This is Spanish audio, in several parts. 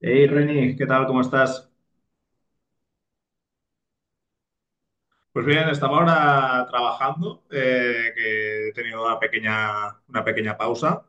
Hey Reni, ¿qué tal? ¿Cómo estás? Pues bien, estaba ahora trabajando, que he tenido una pequeña pausa.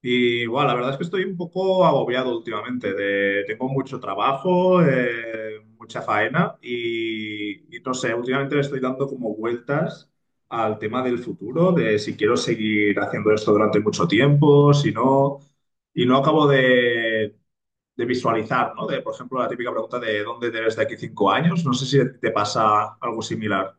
Y bueno, la verdad es que estoy un poco agobiado últimamente. Tengo mucho trabajo, mucha faena y no sé, últimamente le estoy dando como vueltas al tema del futuro, de si quiero seguir haciendo esto durante mucho tiempo, si no, y no acabo de visualizar, ¿no? De, por ejemplo, la típica pregunta de ¿dónde te ves de aquí cinco años? No sé si te pasa algo similar.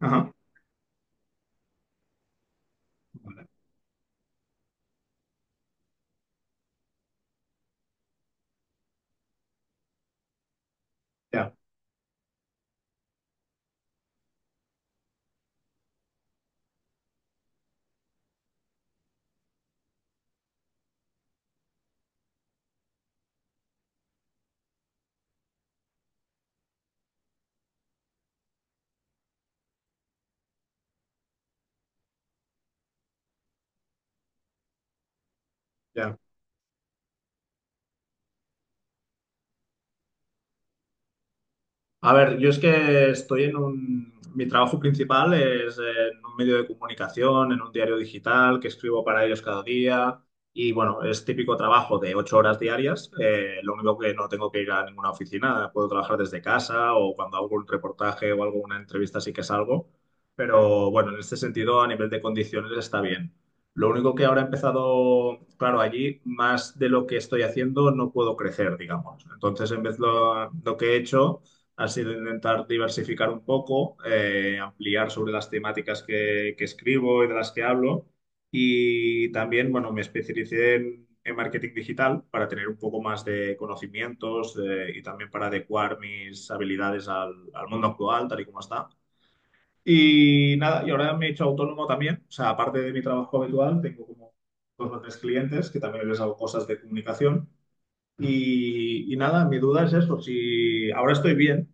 Ajá. Vale. Ya, ya. A ver, yo es que estoy en un... Mi trabajo principal es en un medio de comunicación, en un diario digital que escribo para ellos cada día. Y bueno, es típico trabajo de ocho horas diarias. Lo único que no tengo que ir a ninguna oficina. Puedo trabajar desde casa o cuando hago un reportaje o hago una entrevista sí que salgo. Pero bueno, en este sentido, a nivel de condiciones está bien. Lo único que ahora he empezado, claro, allí más de lo que estoy haciendo no puedo crecer, digamos. Entonces, en vez de lo que he hecho ha sido intentar diversificar un poco, ampliar sobre las temáticas que escribo y de las que hablo. Y también, bueno, me especialicé en marketing digital para tener un poco más de conocimientos, y también para adecuar mis habilidades al mundo actual, tal y como está. Y nada, y ahora me he hecho autónomo también. O sea, aparte de mi trabajo habitual, tengo como dos o tres clientes que también les hago cosas de comunicación. Y nada, mi duda es eso, si ahora estoy bien,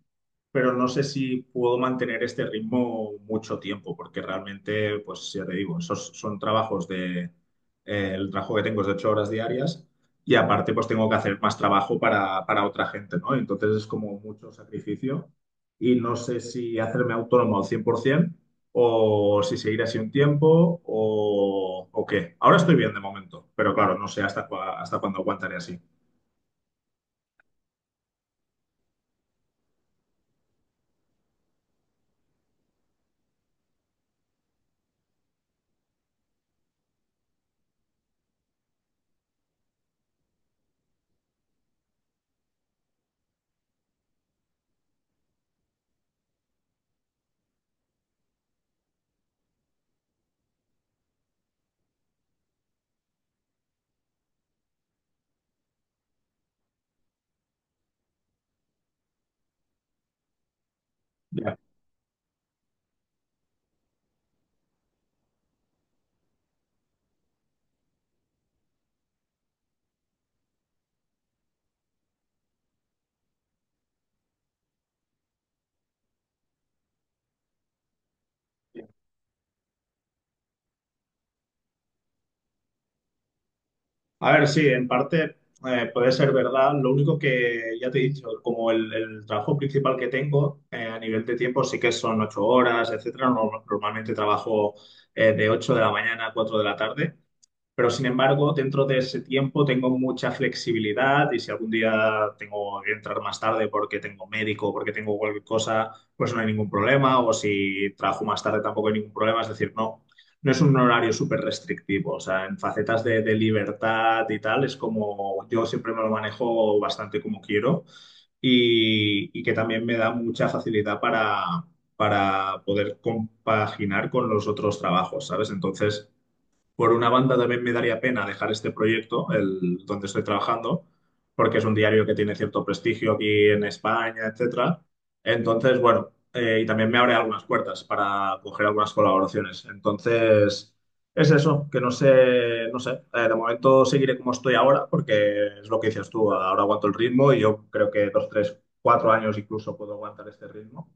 pero no sé si puedo mantener este ritmo mucho tiempo, porque realmente, pues ya te digo, esos son trabajos de, el trabajo que tengo es de ocho horas diarias y aparte pues tengo que hacer más trabajo para otra gente, ¿no? Entonces es como mucho sacrificio y no sé si hacerme autónomo al 100% o si seguir así un tiempo o qué. Ahora estoy bien de momento, pero claro, no sé hasta, hasta cuándo aguantaré así. Ya, a ver, sí, en parte, puede ser verdad. Lo único que ya te he dicho, como el trabajo principal que tengo, a nivel de tiempo sí que son ocho horas, etcétera. Normalmente trabajo de ocho de la mañana a cuatro de la tarde. Pero sin embargo, dentro de ese tiempo tengo mucha flexibilidad y si algún día tengo que entrar más tarde porque tengo médico o porque tengo cualquier cosa, pues no hay ningún problema. O si trabajo más tarde tampoco hay ningún problema. Es decir, no, no es un horario súper restrictivo. O sea, en facetas de libertad y tal, es como yo siempre me lo manejo bastante como quiero y que también me da mucha facilidad para poder compaginar con los otros trabajos, ¿sabes? Entonces... Por una banda también me daría pena dejar este proyecto, el donde estoy trabajando, porque es un diario que tiene cierto prestigio aquí en España, etcétera. Entonces, bueno, y también me abre algunas puertas para coger algunas colaboraciones. Entonces, es eso, que no sé, no sé, de momento seguiré como estoy ahora, porque es lo que dices tú, ahora aguanto el ritmo y yo creo que dos, tres, cuatro años incluso puedo aguantar este ritmo.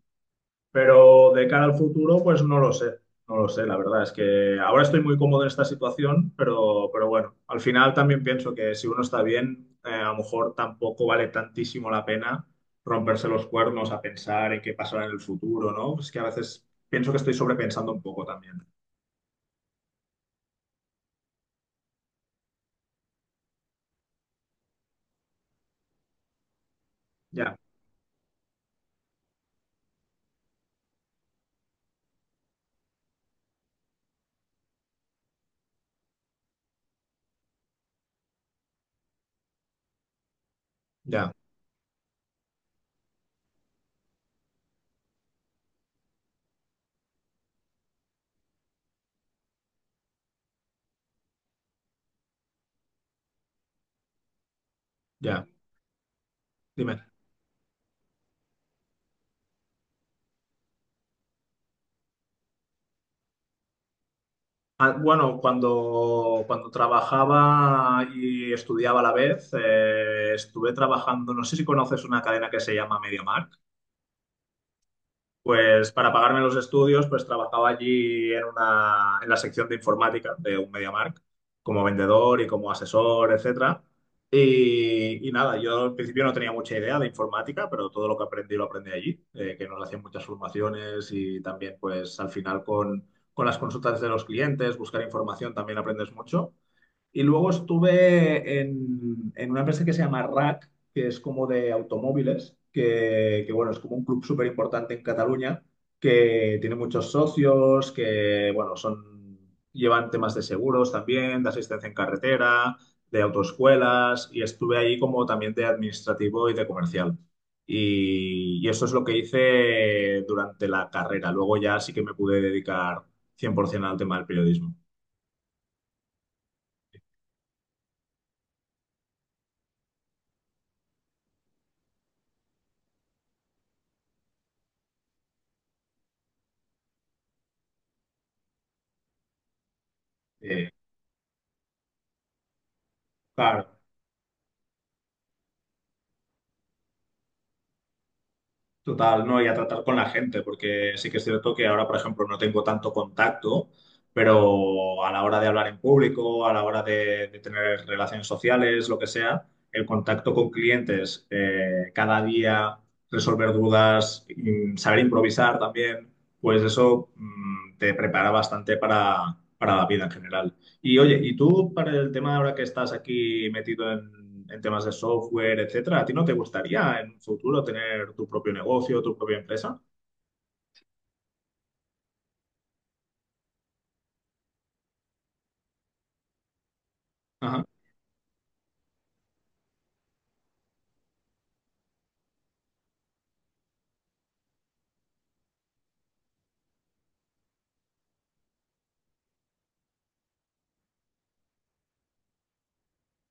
Pero de cara al futuro, pues no lo sé. No lo sé, la verdad es que ahora estoy muy cómodo en esta situación, pero bueno, al final también pienso que si uno está bien, a lo mejor tampoco vale tantísimo la pena romperse los cuernos a pensar en qué pasará en el futuro, ¿no? Es que a veces pienso que estoy sobrepensando un poco también. Ya, ya, ya. Dime. Ah, bueno, cuando trabajaba y estudiaba a la vez, estuve trabajando, no sé si conoces una cadena que se llama MediaMarkt. Pues para pagarme los estudios, pues trabajaba allí en una, en la sección de informática de un MediaMarkt, como vendedor y como asesor, etcétera. Y nada, yo al principio no tenía mucha idea de informática, pero todo lo que aprendí lo aprendí allí, que nos hacían muchas formaciones y también pues al final con las consultas de los clientes, buscar información también aprendes mucho. Y luego estuve en una empresa que se llama RAC, que es como de automóviles, que, bueno, es como un club súper importante en Cataluña, que tiene muchos socios, que bueno, son, llevan temas de seguros también, de asistencia en carretera, de autoescuelas, y estuve ahí como también de administrativo y de comercial. Y eso es lo que hice durante la carrera. Luego ya sí que me pude dedicar 100% al tema del periodismo. Eh, claro. Total, no, y a tratar con la gente, porque sí que es cierto que ahora, por ejemplo, no tengo tanto contacto, pero a la hora de hablar en público, a la hora de tener relaciones sociales, lo que sea, el contacto con clientes, cada día, resolver dudas, y saber improvisar también, pues eso, te prepara bastante para la vida en general. Y oye, ¿y tú para el tema ahora que estás aquí metido en temas de software, etcétera, ¿a ti no te gustaría en un futuro tener tu propio negocio, tu propia empresa? Ajá,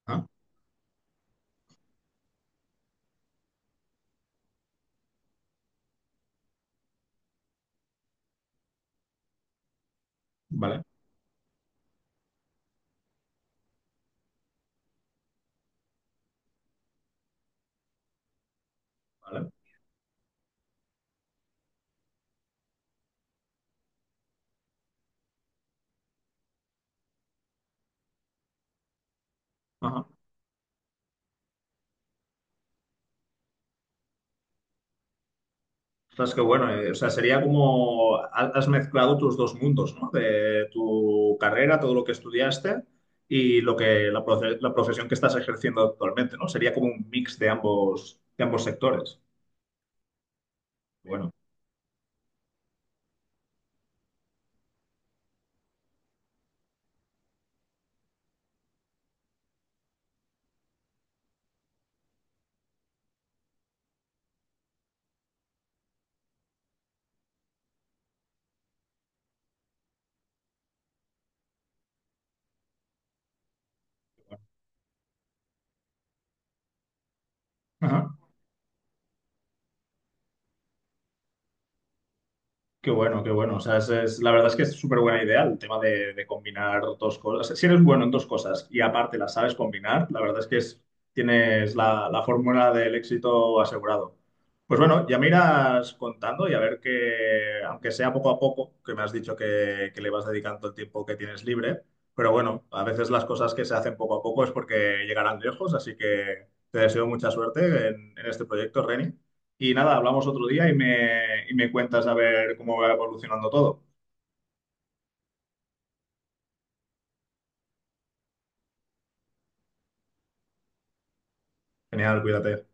ajá, vale, vale, ajá. Ostras, qué bueno, o sea, sería como has mezclado tus dos mundos, ¿no? De tu carrera, todo lo que estudiaste y lo que la, la profesión que estás ejerciendo actualmente, ¿no? Sería como un mix de ambos sectores. Bueno. Ajá. Qué bueno, qué bueno. O sea, es, la verdad es que es súper buena idea el tema de combinar dos cosas. Si eres bueno en dos cosas y aparte las sabes combinar, la verdad es que tienes la, la fórmula del éxito asegurado. Pues bueno, ya me irás contando y a ver que, aunque sea poco a poco, que me has dicho que le vas dedicando el tiempo que tienes libre, pero bueno, a veces las cosas que se hacen poco a poco es porque llegarán lejos, así que te deseo mucha suerte en este proyecto, Reni. Y nada, hablamos otro día y me cuentas a ver cómo va evolucionando todo. Genial, cuídate.